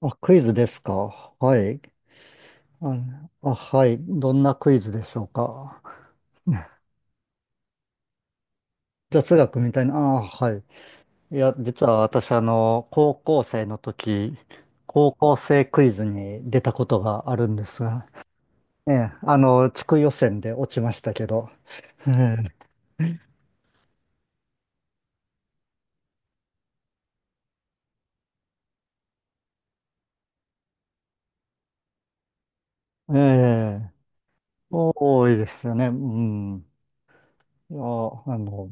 あ、クイズですか。はい。あ、はい。どんなクイズでしょうか。雑学みたいな。あ、はい。いや、実は私、高校生の時、高校生クイズに出たことがあるんですが、ええ、地区予選で落ちましたけど、ええ、ええ、多いですよね。うん。いや、あの、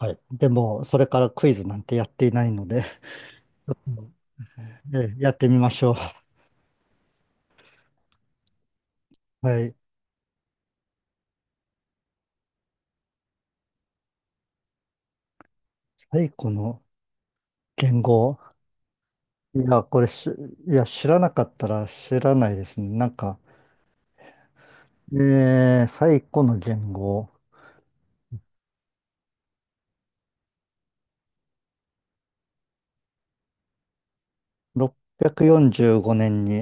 はい。でも、それからクイズなんてやっていないので、うん、ええ、やってみましょう。はい。最古の言語。いや、これし、いや、知らなかったら知らないですね。最古の言語、645年に、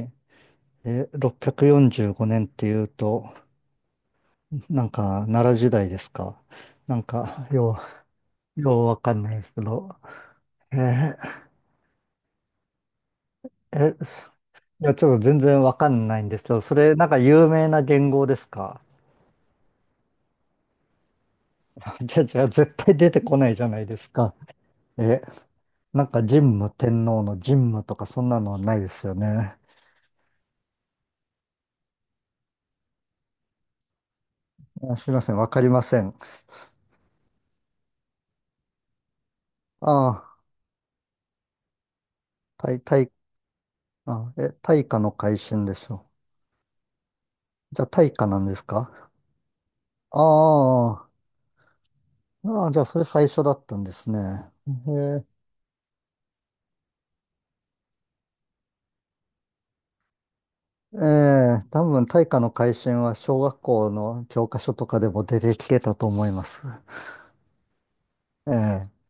645年っていうと、奈良時代ですか。なんか、よようわかんないですけど、えー、え、いや、ちょっと全然わかんないんですけど、それ、なんか有名な言語ですか。じゃ、絶対出てこないじゃないですか。え、なんか神武天皇の神武とかそんなのはないですよね。あ、すいません、わかりません。ああ、対、対、あ、え、対価の改新でしょう。じゃあ、対価なんですか？ああ、ああ、じゃあ、それ最初だったんですね。ええ、ええ、多分、対価の改新は小学校の教科書とかでも出てきてたと思います。ええ、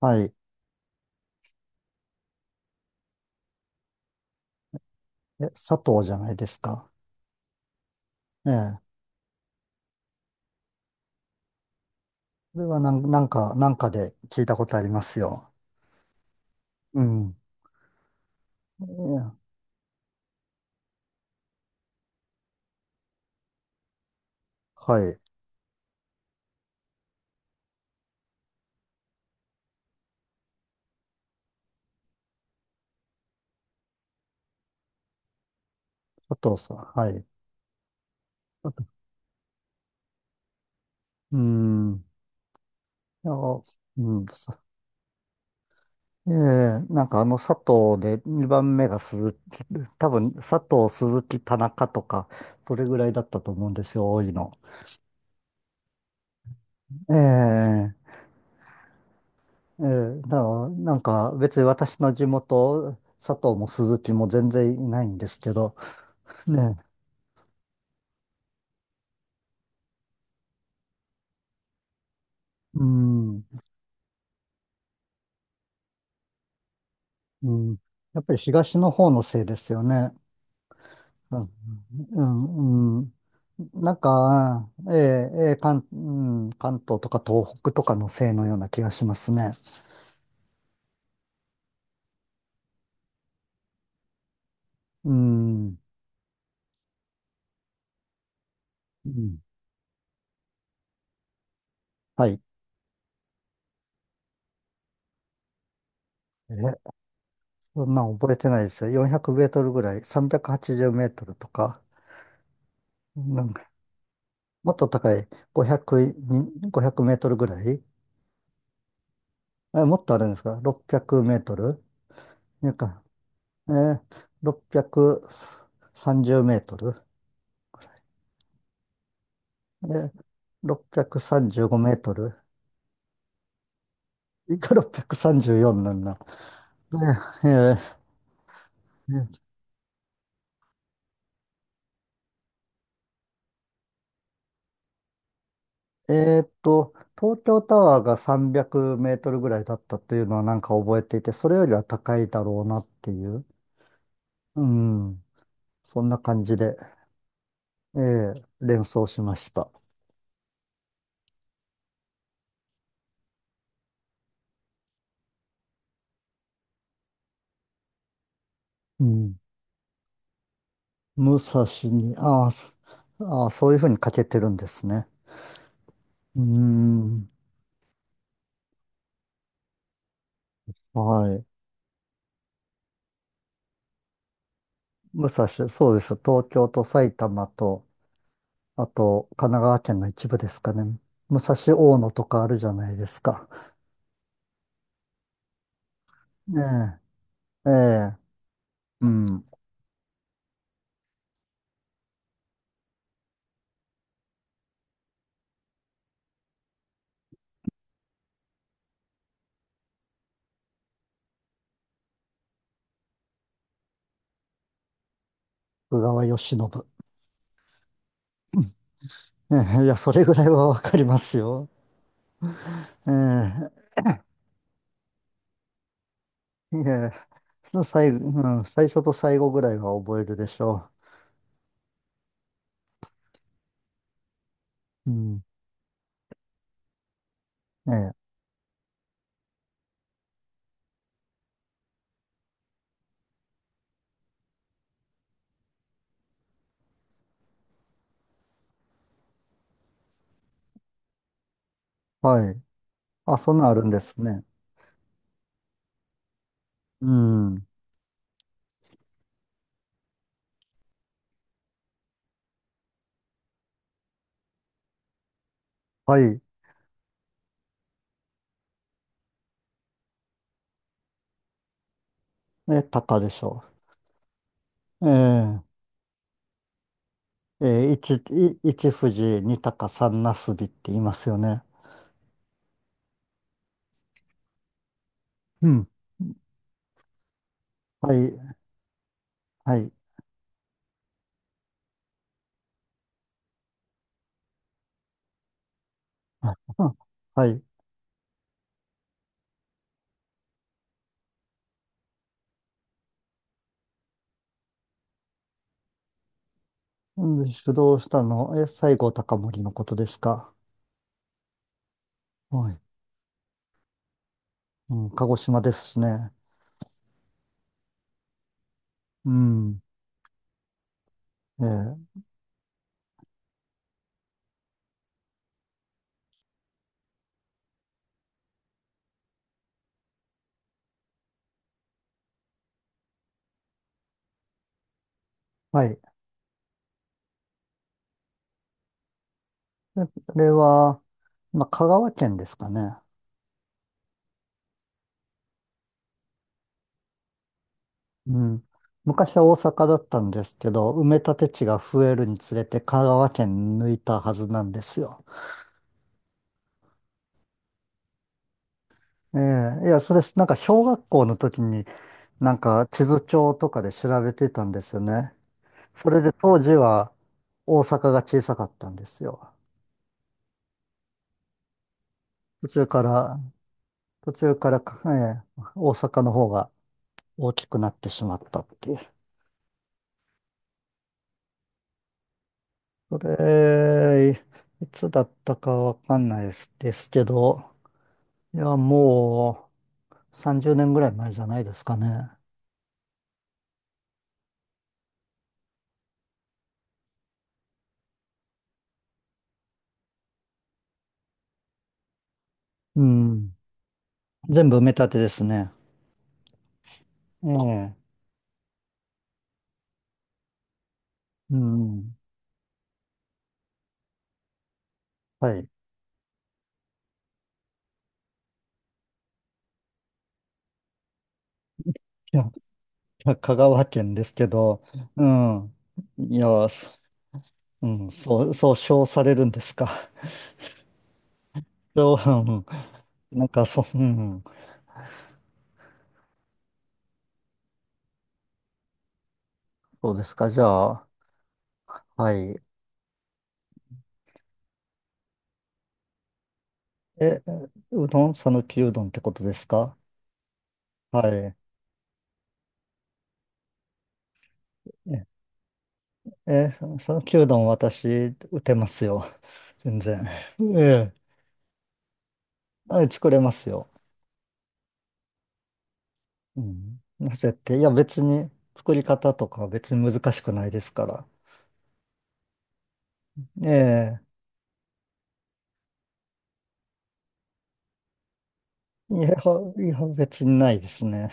はい。え、佐藤じゃないですか。ええ、これはなんか、なんかで聞いたことありますよ。うん。ええ、はい。佐藤さん。はい。うん。いや、うん。ええ、なんかあの佐藤で2番目が鈴木、多分佐藤、鈴木、田中とか、それぐらいだったと思うんですよ、多いの。ええ、ええ、だからなんか別に私の地元、佐藤も鈴木も全然いないんですけど、ねえ、うん、うん、やっぱり東の方のせいですよね。うん、うん、うん、なんか、ええ、ええ、うん、関東とか東北とかのせいのような気がしますね。うん。うん。はい。え、そんなん覚えてないですよ。400メートルぐらい、380メートルとか、なんか、もっと高い、500、にごひゃくメートルぐらい、え、もっとあるんですか？ 600 メートル、なんか、えー、630メートル、えー、635メートル、いくら634なんだ。ねえーえーっと、東京タワーが300メートルぐらいだったというのはなんか覚えていて、それよりは高いだろうなっていう、うん、そんな感じで、えー連想しました。うん。武蔵に、あー、そういうふうに書けてるんですね。うん。はい。武蔵、そうです。東京と埼玉と、あと神奈川県の一部ですかね。武蔵大野とかあるじゃないですか。ねえ、ええ、うん。徳川慶喜。ええ、いや、それぐらいはわかりますよ。ええ、いや、最後、うん、最初と最後ぐらいは覚えるでしょう。うん。ええ、はい。あ、そんなんあるんですね。うん。はい。え、鷹でしょう。ええ、ええ、一富士、二鷹、三なすびって言いますよね。うん。はい。はい。あ、うん、はい。うん、主導したの、え、西郷隆盛のことですか。はい。うん、鹿児島ですしね。うん。ええ、はい。あれは、まあ、香川県ですかね。うん。昔は大阪だったんですけど、埋め立て地が増えるにつれて香川県抜いたはずなんですよ。ええ、いや、それ、なんか小学校の時になんか地図帳とかで調べてたんですよね。それで当時は大阪が小さかったんですよ。途中から、途中からか、ええ、大阪の方が大きくなってしまったっていう。それ、いつだったかわかんないですですけど、いや、もう30年ぐらい前じゃないですかね。うん。全部埋め立てですね。ええ。うん。はい。いや、香川県ですけど、うん。いや、そうん、そう称されるんですか。そう、うん。なんか、そう、うん。そうですか。じゃあ、はい。え、うどん、さぬきうどんってことですか？はい。えー、讃岐うどん私、打てますよ。全然。ええ、はい、作れますよ。うん。なぜって、いや別に作り方とか別に難しくないですから。ええ、いや、いや別にないですね。